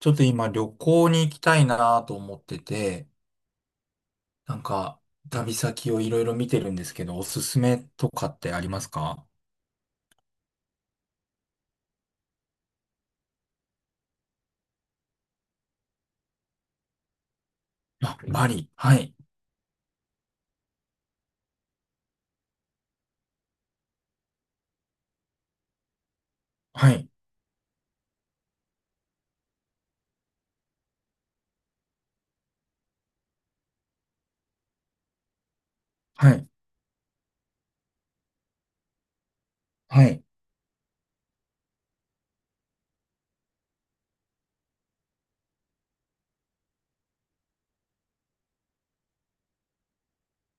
ちょっと今旅行に行きたいなと思ってて、なんか旅先をいろいろ見てるんですけど、おすすめとかってありますか？あ、バリ。はい。はい。はい。はい。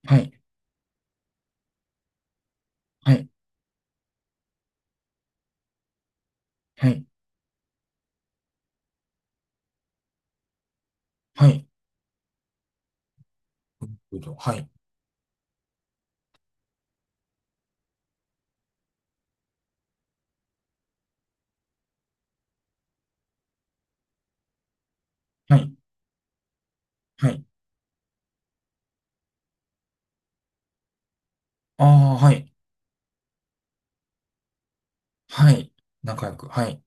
はい。はい。はい。はい。はい。はい。はい。ああー、はい。はい。仲良く。はい。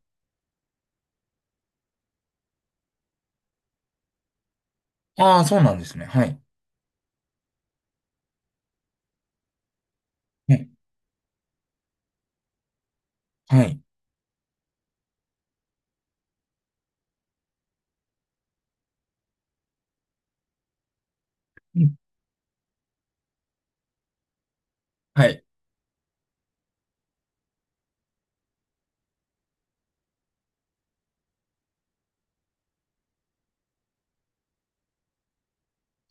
ああ、そうなんですね。はい。はい。はい。うん。はい。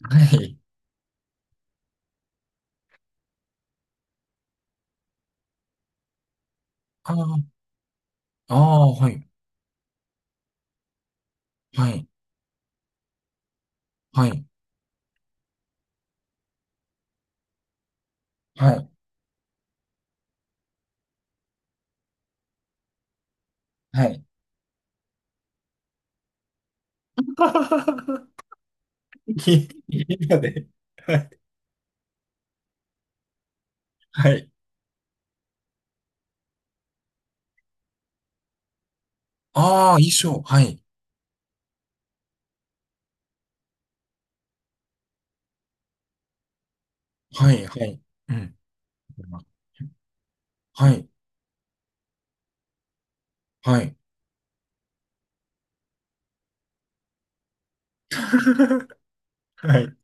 はい。ああ、ああ、はい。はい。はい。はい。はい。いいので。はい。ああ、衣装。はい。はい。はい。うん。はい。はい。はい。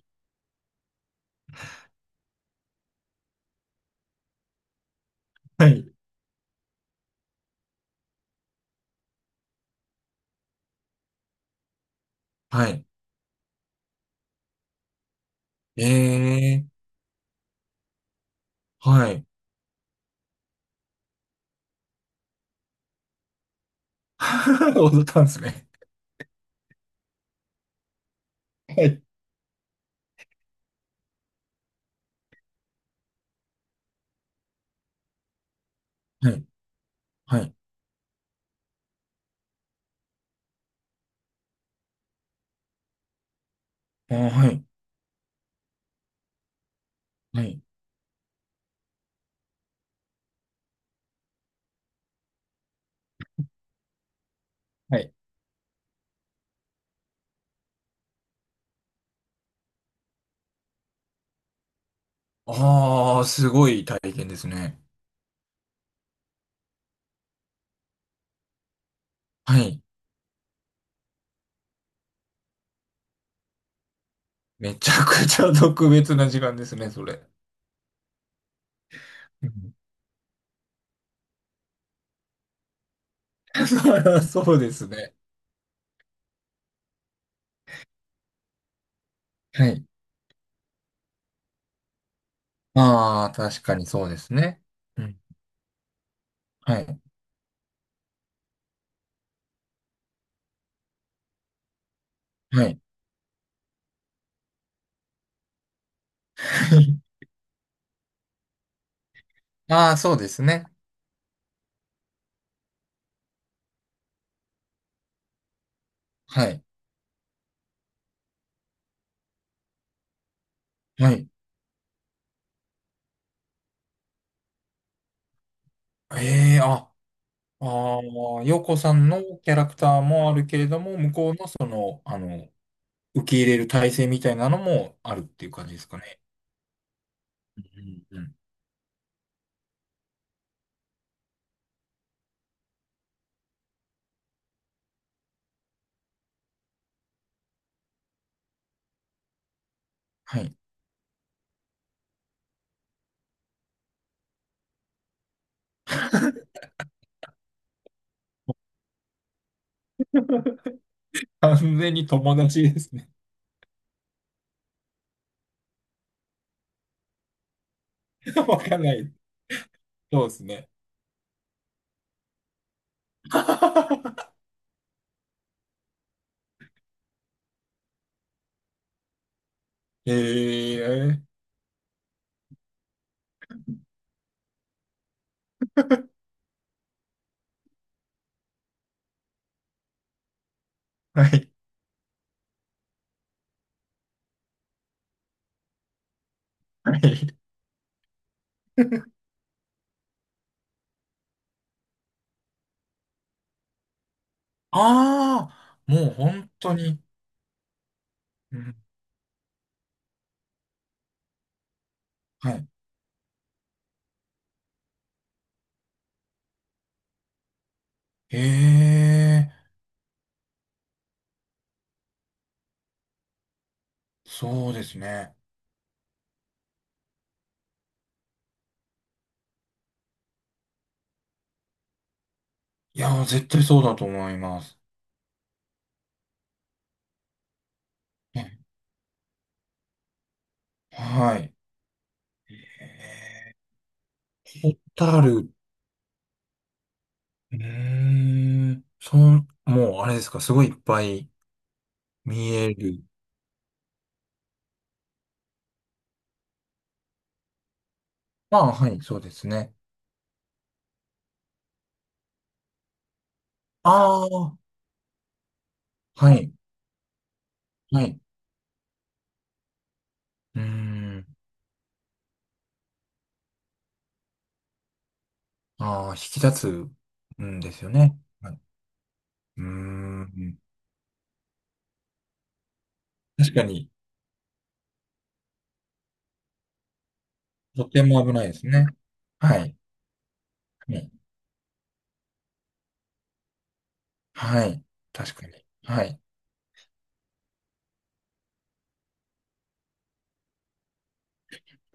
はい。はい。ええー。はい。踊ったんですね。はい。はい。はい。あー、はい。はい。はい。ああ、すごい体験ですね。はい。めちゃくちゃ特別な時間ですね、それ。うん。 そりゃ そうですね。はい。ああ、確かにそうですね。うん。はい。はい。ああ、そうですね。はい。はい。ええあ、ああ、洋子さんのキャラクターもあるけれども、向こうのその、受け入れる体制みたいなのもあるっていう感じですかね。うんうん。はい。完全に友達ですね。わかんない。そうですね。ええはい。はい。ああ、もう本当に。うん、はい。ええそうですね。いやー、絶対そうだと思います。ね、はい。えホタル。うーん。その、もう、あれですか、すごいいっぱい見える。ああ、はい、そうですね。ああ、はい、はい。うーん。ああ、引き立つんですよね。はい、うーん。確かに、とても危ないですね。はい、はい、はい。確かに。はい。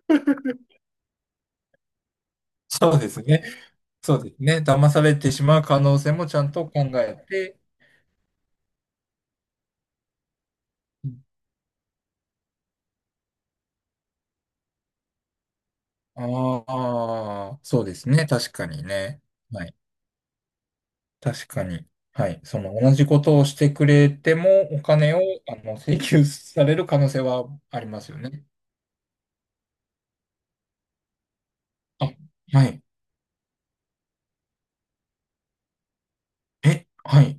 そうですね。そうですね。騙されてしまう可能性もちゃんと考えて、ああ、そうですね。確かにね。はい。確かに。はい。その同じことをしてくれても、お金を、請求される可能性はありますよね。あ、はい。え、はい。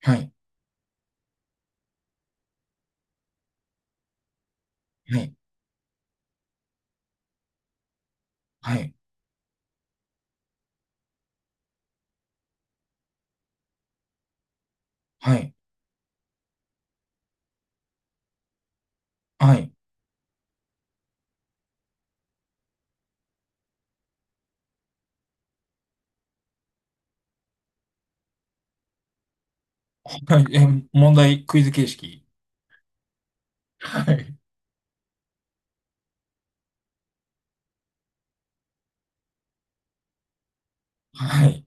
はい。はい。はい。はい。はい。はいえ、問題、クイズ形式。はい。はい。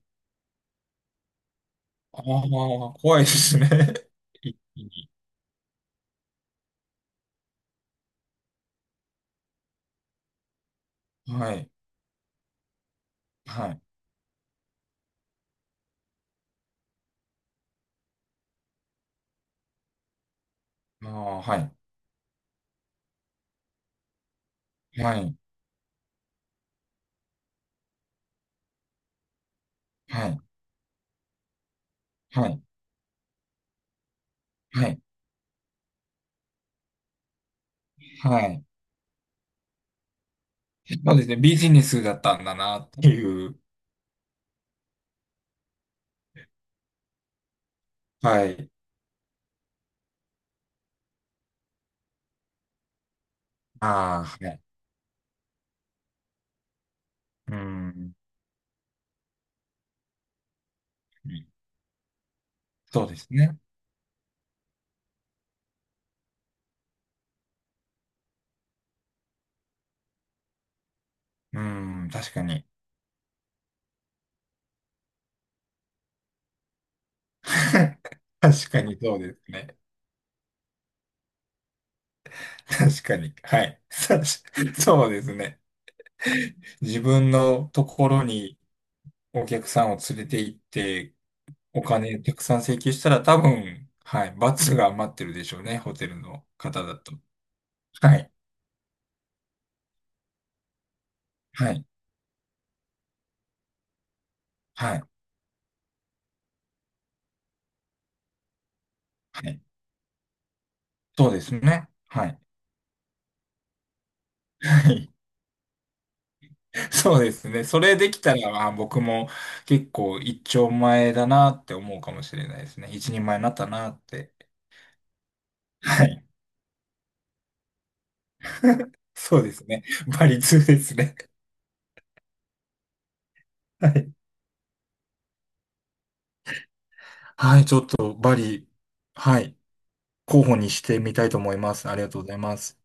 ああ、怖いですね。一気に。はい。はい。ああ、はい。はい。はい。はい。はい。はい。そうですね。ビジネスだったんだなっていう。はい。ああ、はい。うん。そうですね。うん。確かに。確かにそうですね。確かに。はい。さしそうですね。自分のところにお客さんを連れて行って、お金たくさん請求したら多分、はい。罰が待ってるでしょうね。ホテルの方だと。はい。はい。はい。はい。そうですね。はい。はい。 そうですね。それできたら、まあ、僕も結構一丁前だなって思うかもしれないですね。一人前になったなって。はい。そうですね。バリ2ですね。はい。はい、ちょっとバリ、はい、候補にしてみたいと思います。ありがとうございます。